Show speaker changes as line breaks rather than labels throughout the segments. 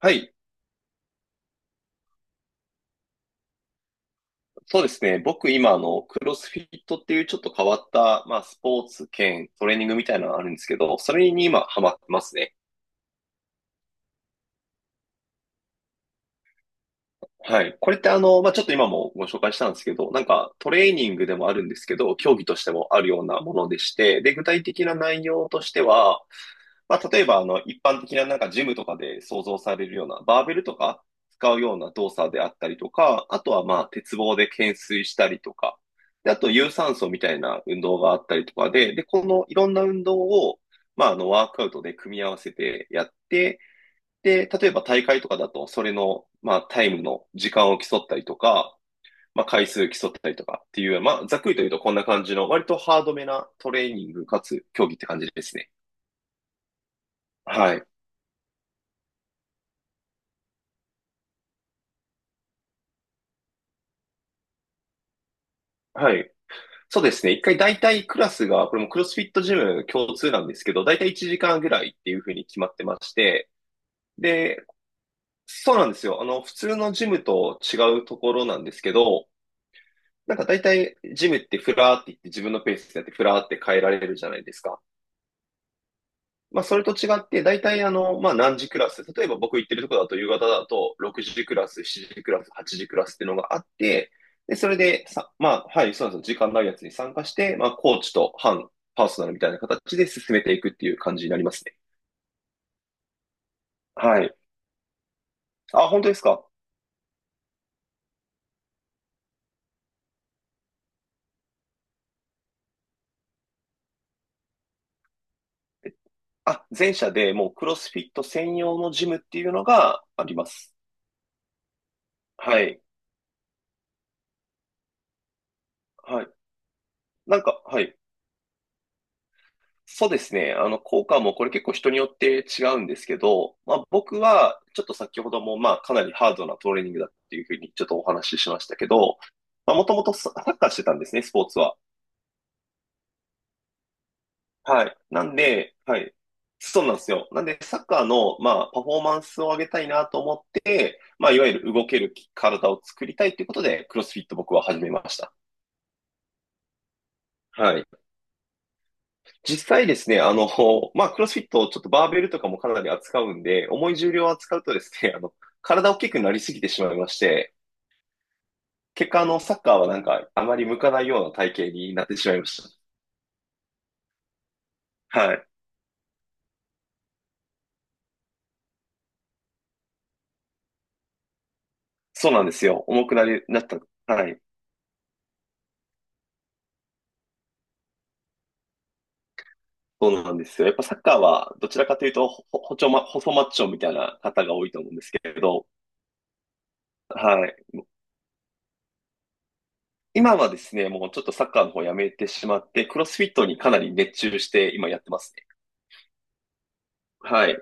はい、そうですね。僕今クロスフィットっていうちょっと変わった、まあスポーツ兼トレーニングみたいなのがあるんですけど、それに今ハマってますね。はい。これってまあちょっと今もご紹介したんですけど、なんかトレーニングでもあるんですけど、競技としてもあるようなものでして、で、具体的な内容としては、まあ、例えば、一般的ななんかジムとかで想像されるような、バーベルとか使うような動作であったりとか、あとはまあ、鉄棒で懸垂したりとか、で、あと有酸素みたいな運動があったりとかで、で、このいろんな運動を、まあ、ワークアウトで組み合わせてやって、で、例えば大会とかだと、それの、まあ、タイムの時間を競ったりとか、まあ、回数競ったりとかっていう、まあ、ざっくりと言うとこんな感じの、割とハードめなトレーニングかつ競技って感じですね。はい。はい。そうですね。一回大体クラスが、これもクロスフィットジム共通なんですけど、大体1時間ぐらいっていうふうに決まってまして、で、そうなんですよ。普通のジムと違うところなんですけど、なんか大体ジムってフラーって言って自分のペースでやってフラーって変えられるじゃないですか。まあ、それと違って、大体、まあ、何時クラス、例えば僕行ってるとこだと、夕方だと、6時クラス、7時クラス、8時クラスっていうのがあって、で、それでさ、まあ、はい、そうなんですよ。時間ないやつに参加して、まあ、コーチと半パーソナルみたいな形で進めていくっていう感じになりますね。はい。あ、本当ですか？あ、前者でもうクロスフィット専用のジムっていうのがあります。はい。はい。なんか、はい。そうですね。効果もこれ結構人によって違うんですけど、まあ僕はちょっと先ほどもまあかなりハードなトレーニングだっていうふうにちょっとお話ししましたけど、まあもともとサッカーしてたんですね、スポーツは。はい。なんで、はい。そうなんですよ。なんでサッカーのまあパフォーマンスを上げたいなと思って、まあいわゆる動ける体を作りたいということで、クロスフィット僕は始めました。はい。実際ですね、まあ、クロスフィット、ちょっとバーベルとかもかなり扱うんで、重い重量を扱うとですね、体大きくなりすぎてしまいまして、結果、サッカーはなんか、あまり向かないような体型になってしまいました。はい。そうなんですよ。重くなり、なった。はい。そうなんですよ。やっぱサッカーは、どちらかというと、ほ、ほちょま、細マッチョみたいな方が多いと思うんですけれど、はい。今はですね、もうちょっとサッカーの方やめてしまって、クロスフィットにかなり熱中して、今やってますね。はい。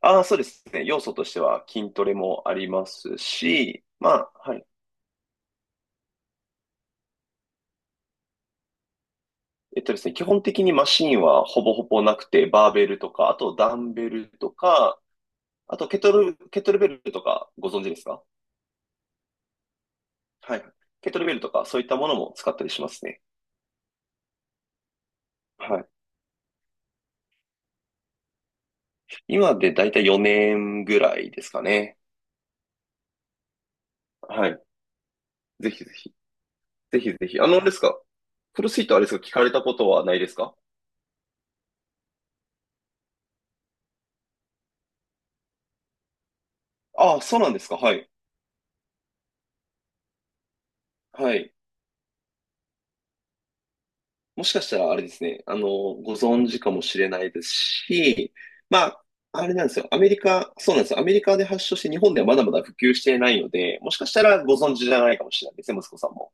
ああ、そうですね。要素としては筋トレもありますし、まあ、はい。えっとですね、基本的にマシンはほぼほぼなくて、バーベルとか、あとダンベルとか、あとケトル、ケトルベルとかご存知ですか？はい。ケトルベルとか、そういったものも使ったりしますね。はい。今でだいたい4年ぐらいですかね。はい。ぜひぜひ。ぜひぜひ。あれですか？プロスイートあれですか？聞かれたことはないですか？ああ、そうなんですか。はい。はい。もしかしたらあれですね、ご存知かもしれないですし、まあ、あれなんですよ。アメリカ、そうなんですよ。アメリカで発祥して日本ではまだまだ普及していないので、もしかしたらご存知じゃないかもしれないですね、息子さんも。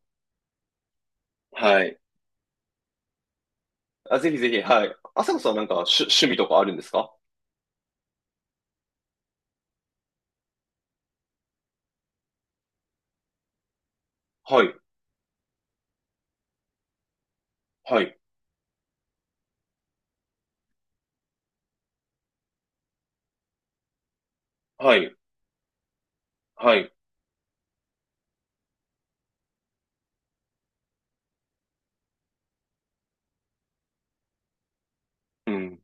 はい。あ、ぜひぜひ、はい。朝子さんなんか趣味とかあるんですか？はい、はい、はい、はい。うん。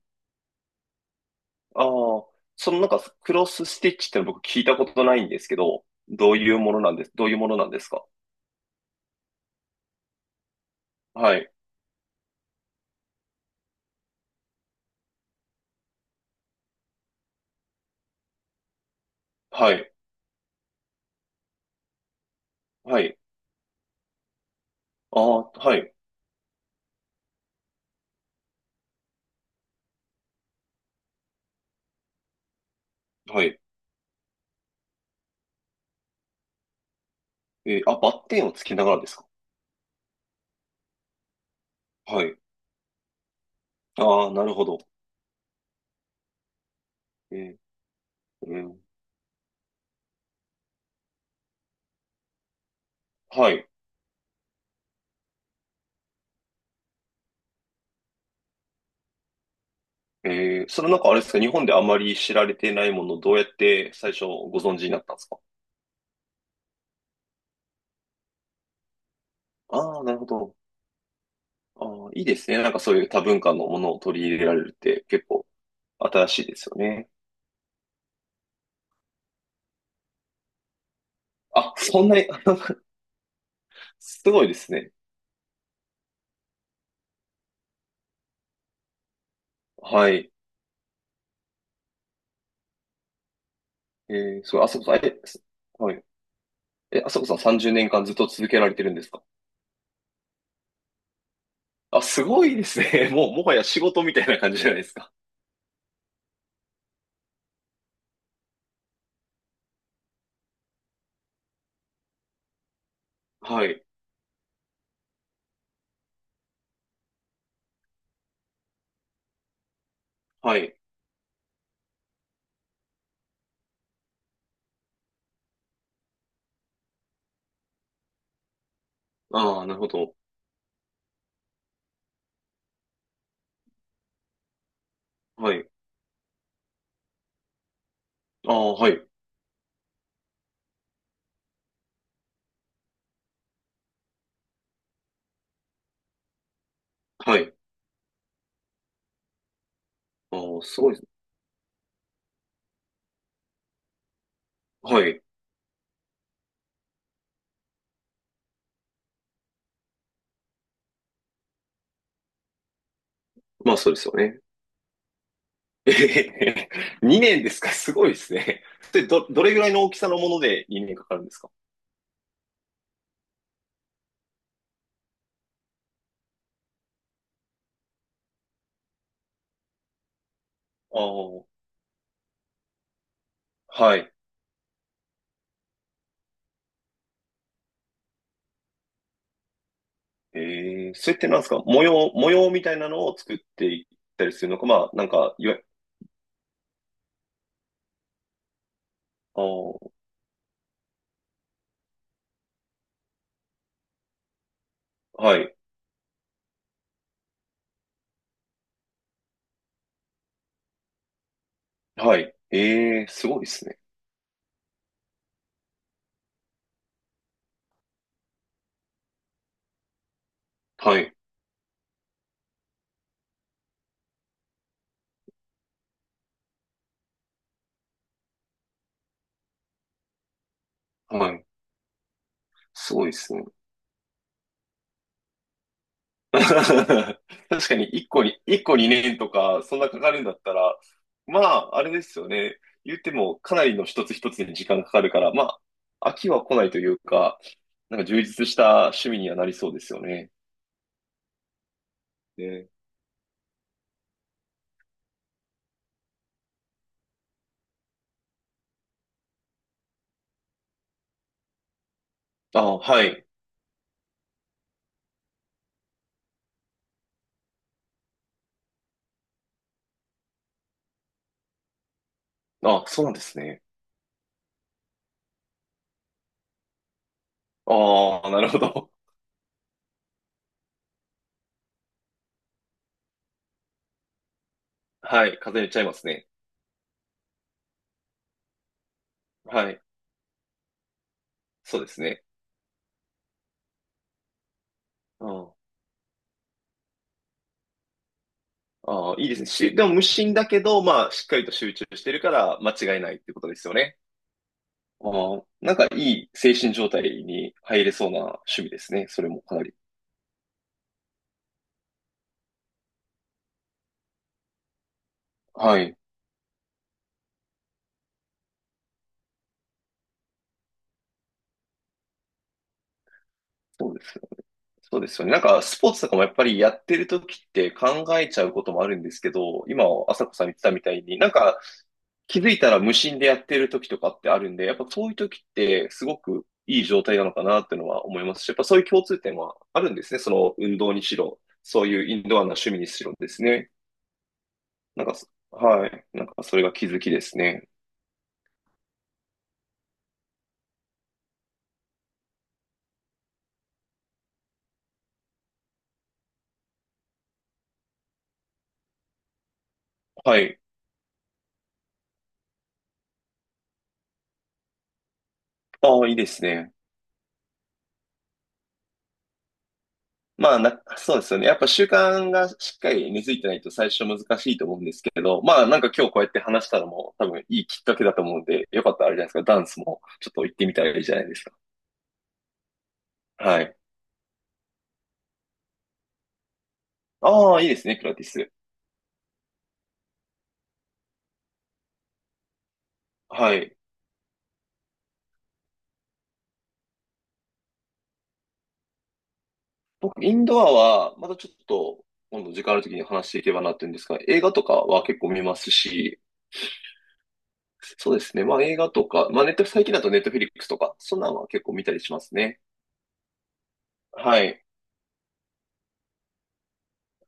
ああ、そのなんかクロスステッチっての僕聞いたことないんですけど、どういうものなんです、どういうものなんですか？はい、はい、はい。ああ、はい、はい。えーあ、バッテンをつけながらですか？はい。ああ、なるほど。えーうん、はい。えー、それなんかあれですか？日本であまり知られていないものをどうやって最初ご存知になったんですか？ああー、なるほど。ああ、いいですね。なんかそういう多文化のものを取り入れられるって結構新しいですよね。あ、そんなに、あ、すごいですね。はい。えー、そう、あそこさん、え、す、はい。え、あそこさん30年間ずっと続けられてるんですか？あ、すごいですね。もう、もはや仕事みたいな感じじゃないですか。はい。はい。ああ、なるほど。はい。ああ、はい。はい。ああ、すごいです。はい。まあ、そうですよね。えへへ、2年ですか？すごいですね。それど、どれぐらいの大きさのもので2年かかるんですか？ああ、はい。ええ、それってなんですか？模様みたいなのを作っていったりするのか、まあ、なんか、いわ、ああ、はい、はい。ええ、すごいですね。はい。はい。すごいですね。確かに1個に、一個2年とか、そんなかかるんだったら、まあ、あれですよね。言っても、かなりの一つ一つに時間かかるから、まあ、飽きは来ないというか、なんか充実した趣味にはなりそうですよね。ね。あ、はい。あ、そうなんですね。ああ、なるほど。はい。風邪ひいちゃいますね。はい。そうですね。うん。ああ、いいですね。し、でも無心だけど、まあ、しっかりと集中してるから、間違いないってことですよね。ああ、なんかいい精神状態に入れそうな趣味ですね。それもかなり。はい。そうですよね。そうですよね。なんかスポーツとかもやっぱりやってる時って考えちゃうこともあるんですけど、今、朝子さん言ってたみたいに、なんか気づいたら無心でやってる時とかってあるんで、やっぱそういう時ってすごくいい状態なのかなっていうのは思いますし、やっぱそういう共通点はあるんですね。その運動にしろ、そういうインドアな趣味にしろですね。なんかそ、はい。なんかそれが気づきですね。はい。ああ、いいですね。まあな、そうですよね。やっぱ習慣がしっかり根付いてないと最初難しいと思うんですけど、まあなんか今日こうやって話したのも多分いいきっかけだと思うんで、よかったらあれじゃないですか。ダンスもちょっと行ってみたらいいじゃないですか。はい。ああ、いいですね、ピラティス。はい。僕、インドアはまたちょっと今度時間ある時に話していけばなっていうんですが、映画とかは結構見ますし、そうですね。まあ映画とか、まあネット、最近だとネットフィリックスとか、そんなのは結構見たりしますね。はい。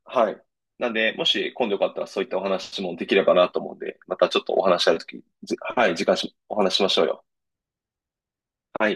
はい。なんで、もし今度よかったらそういったお話もできればなと思うんで、またちょっとお話しあるとき、はい、時間し、お話しましょうよ。はい。